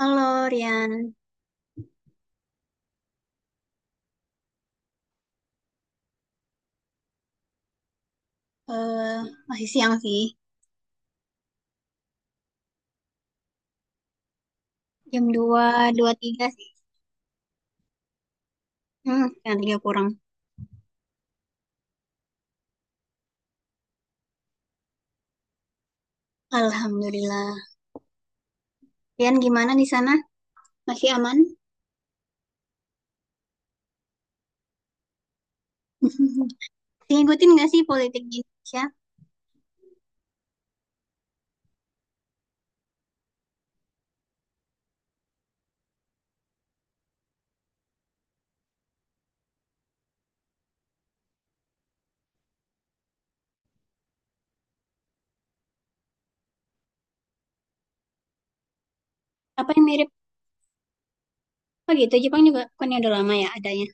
Halo Rian, eh masih siang sih, jam dua dua tiga sih, hmm, jam 3 kurang. Alhamdulillah. Rian gimana di sana? Masih aman? Ngikutin nggak sih politik di Indonesia? Apa yang mirip? Oh gitu, Jepang juga kan ya udah lama ya adanya.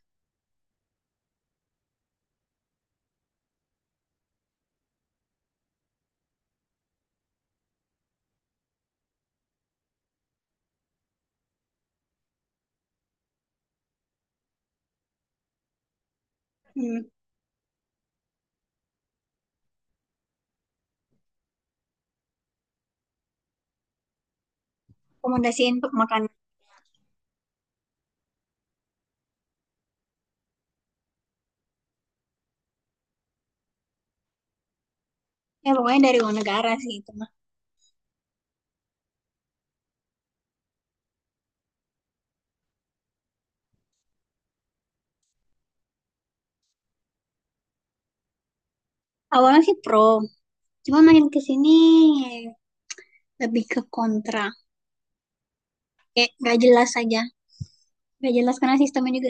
Hmm, rekomendasiin untuk makan. Ya pokoknya dari luar negara sih itu mah. Awalnya sih pro, cuma makin ke sini lebih ke kontra. Kayak nggak jelas aja. Nggak jelas karena sistemnya juga.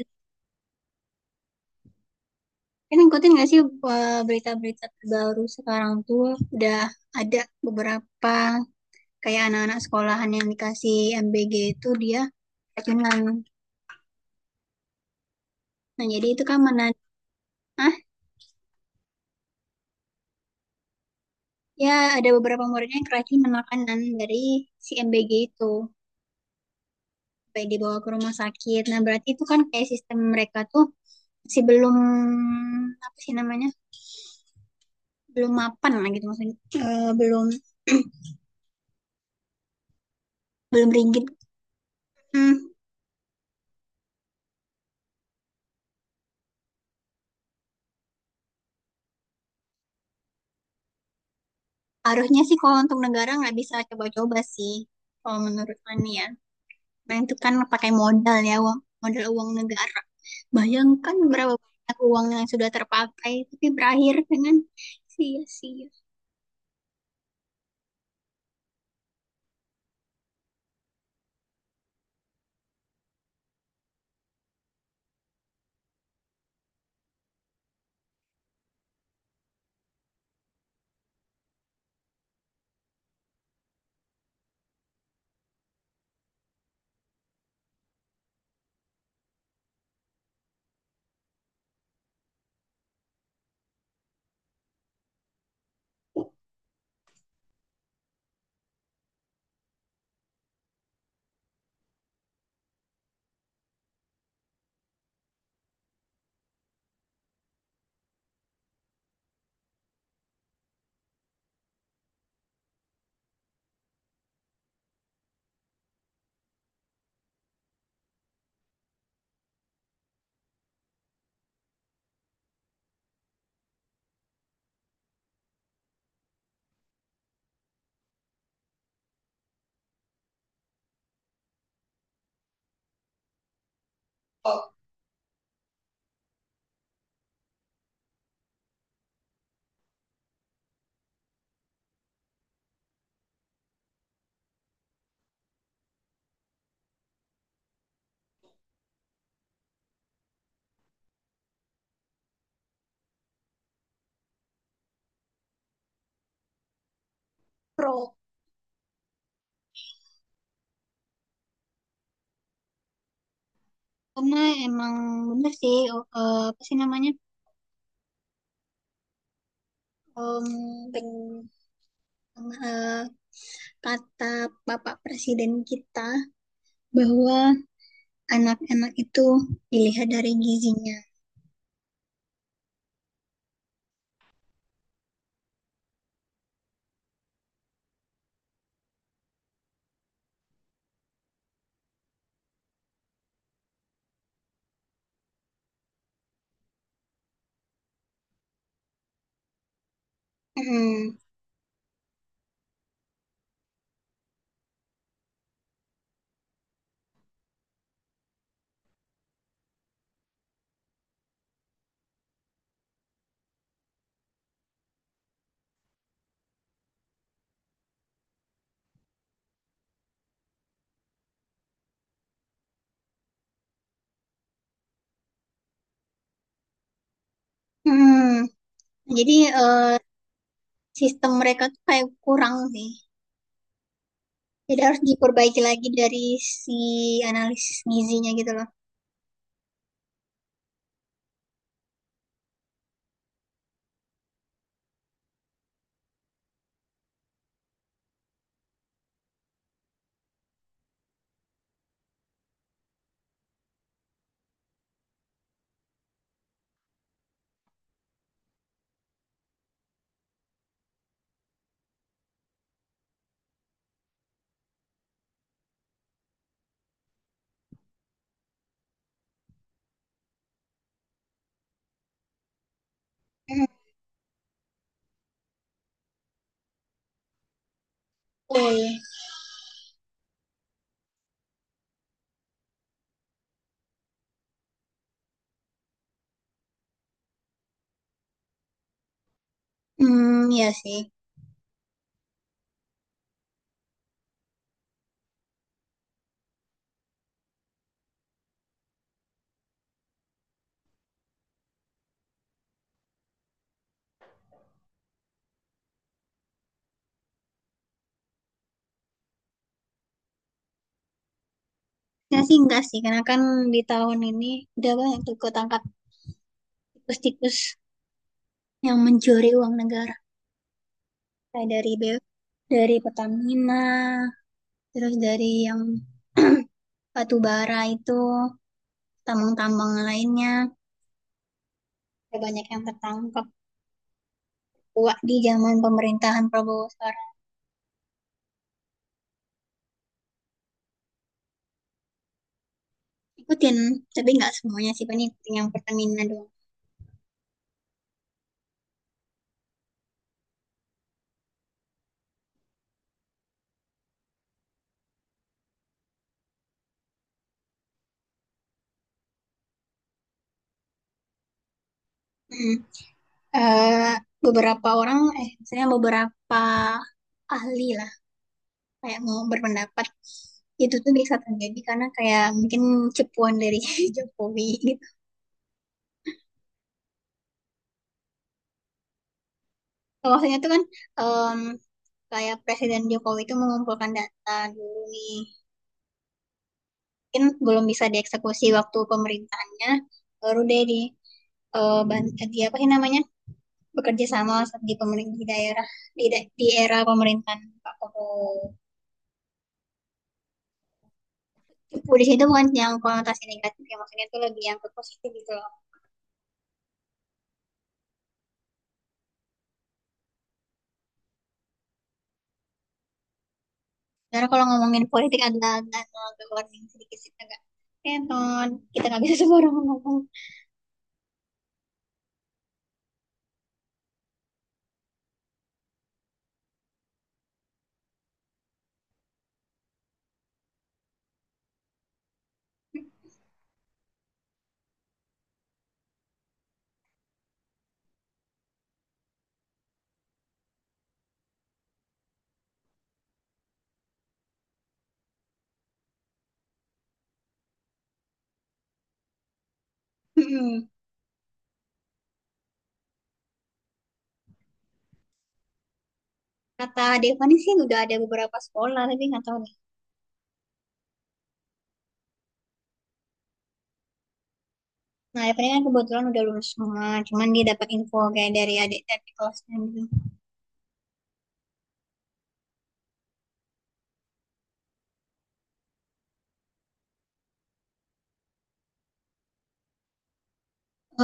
Kan ngikutin nggak sih berita-berita terbaru sekarang tuh udah ada beberapa kayak anak-anak sekolahan yang dikasih MBG itu dia keracunan. Nah, jadi itu kan menan ah ya, ada beberapa muridnya yang keracunan makanan dari si MBG itu sampai dibawa ke rumah sakit. Nah, berarti itu kan kayak sistem mereka tuh masih belum, apa sih namanya, belum mapan lah gitu maksudnya. Belum belum rigid. Hmm. Harusnya sih kalau untuk negara nggak bisa coba-coba sih, kalau menurut Fani ya. Nah itu kan pakai modal ya, uang, modal uang negara. Bayangkan berapa banyak uang yang sudah terpakai, tapi berakhir dengan sia-sia. Pro, karena emang bener sih, apa sih namanya, Em, peng- eh, kata Bapak Presiden kita bahwa anak-anak itu dilihat dari gizinya. Mm. Mm. Jadi sistem mereka tuh kayak kurang sih. Jadi harus diperbaiki lagi dari si analisis gizinya gitu loh. Hmm. Oh iya. Hmm, iya sih. Ya sih enggak sih, karena kan di tahun ini udah banyak tuh ketangkap tikus-tikus yang mencuri uang negara. Kayak dari BU, dari Pertamina, terus dari yang batu bara itu, tambang-tambang lainnya. Udah banyak yang tertangkap. Wah, di zaman pemerintahan Prabowo. Ikutin, tapi nggak semuanya sih, paling ikutin yang Pertamina doang. Mm. Eh, beberapa orang, misalnya beberapa ahli lah, kayak mau berpendapat, itu tuh bisa terjadi karena kayak mungkin cepuan dari Jokowi gitu. Maksudnya tuh kan em, kayak Presiden Jokowi itu mengumpulkan data dulu nih, mungkin belum bisa dieksekusi waktu pemerintahannya, baru deh di di apa sih namanya, bekerja sama di pemerintah di daerah di era pemerintahan Pak Prabowo. Politik itu bukan yang konotasi negatif ya, maksudnya itu lebih yang ke positif gitu loh. Karena kalau ngomongin politik agak agak agak warning sedikit sih, agak kenon, kita nggak bisa semua orang ngomong. Mm-mm. Kata Devani sih udah ada beberapa sekolah tapi nggak tahu nih. Nah Devani kan kebetulan udah lulus semua, cuman dia dapat info kayak dari adik dari kelasnya gitu.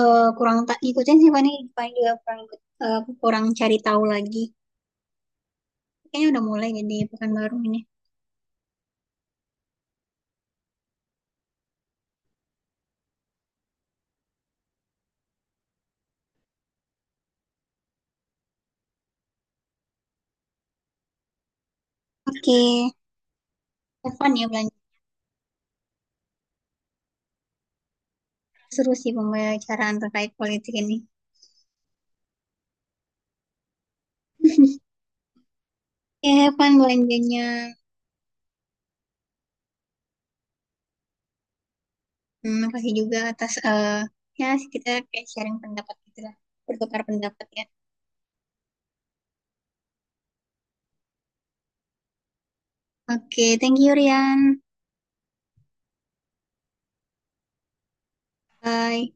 Kurang tak ikutin sih Fani, Fani juga kurang ikut, kurang cari tahu lagi. Kayaknya udah mulai deh di pekan baru ini. Oke, have fun ya belanja. Seru sih pembicaraan terkait politik ini. Oke, have fun belanjanya. Hmm, makasih juga atas ya, kita kayak sharing pendapat gitu lah. Bertukar pendapat ya. Oke, thank you Rian. Bye.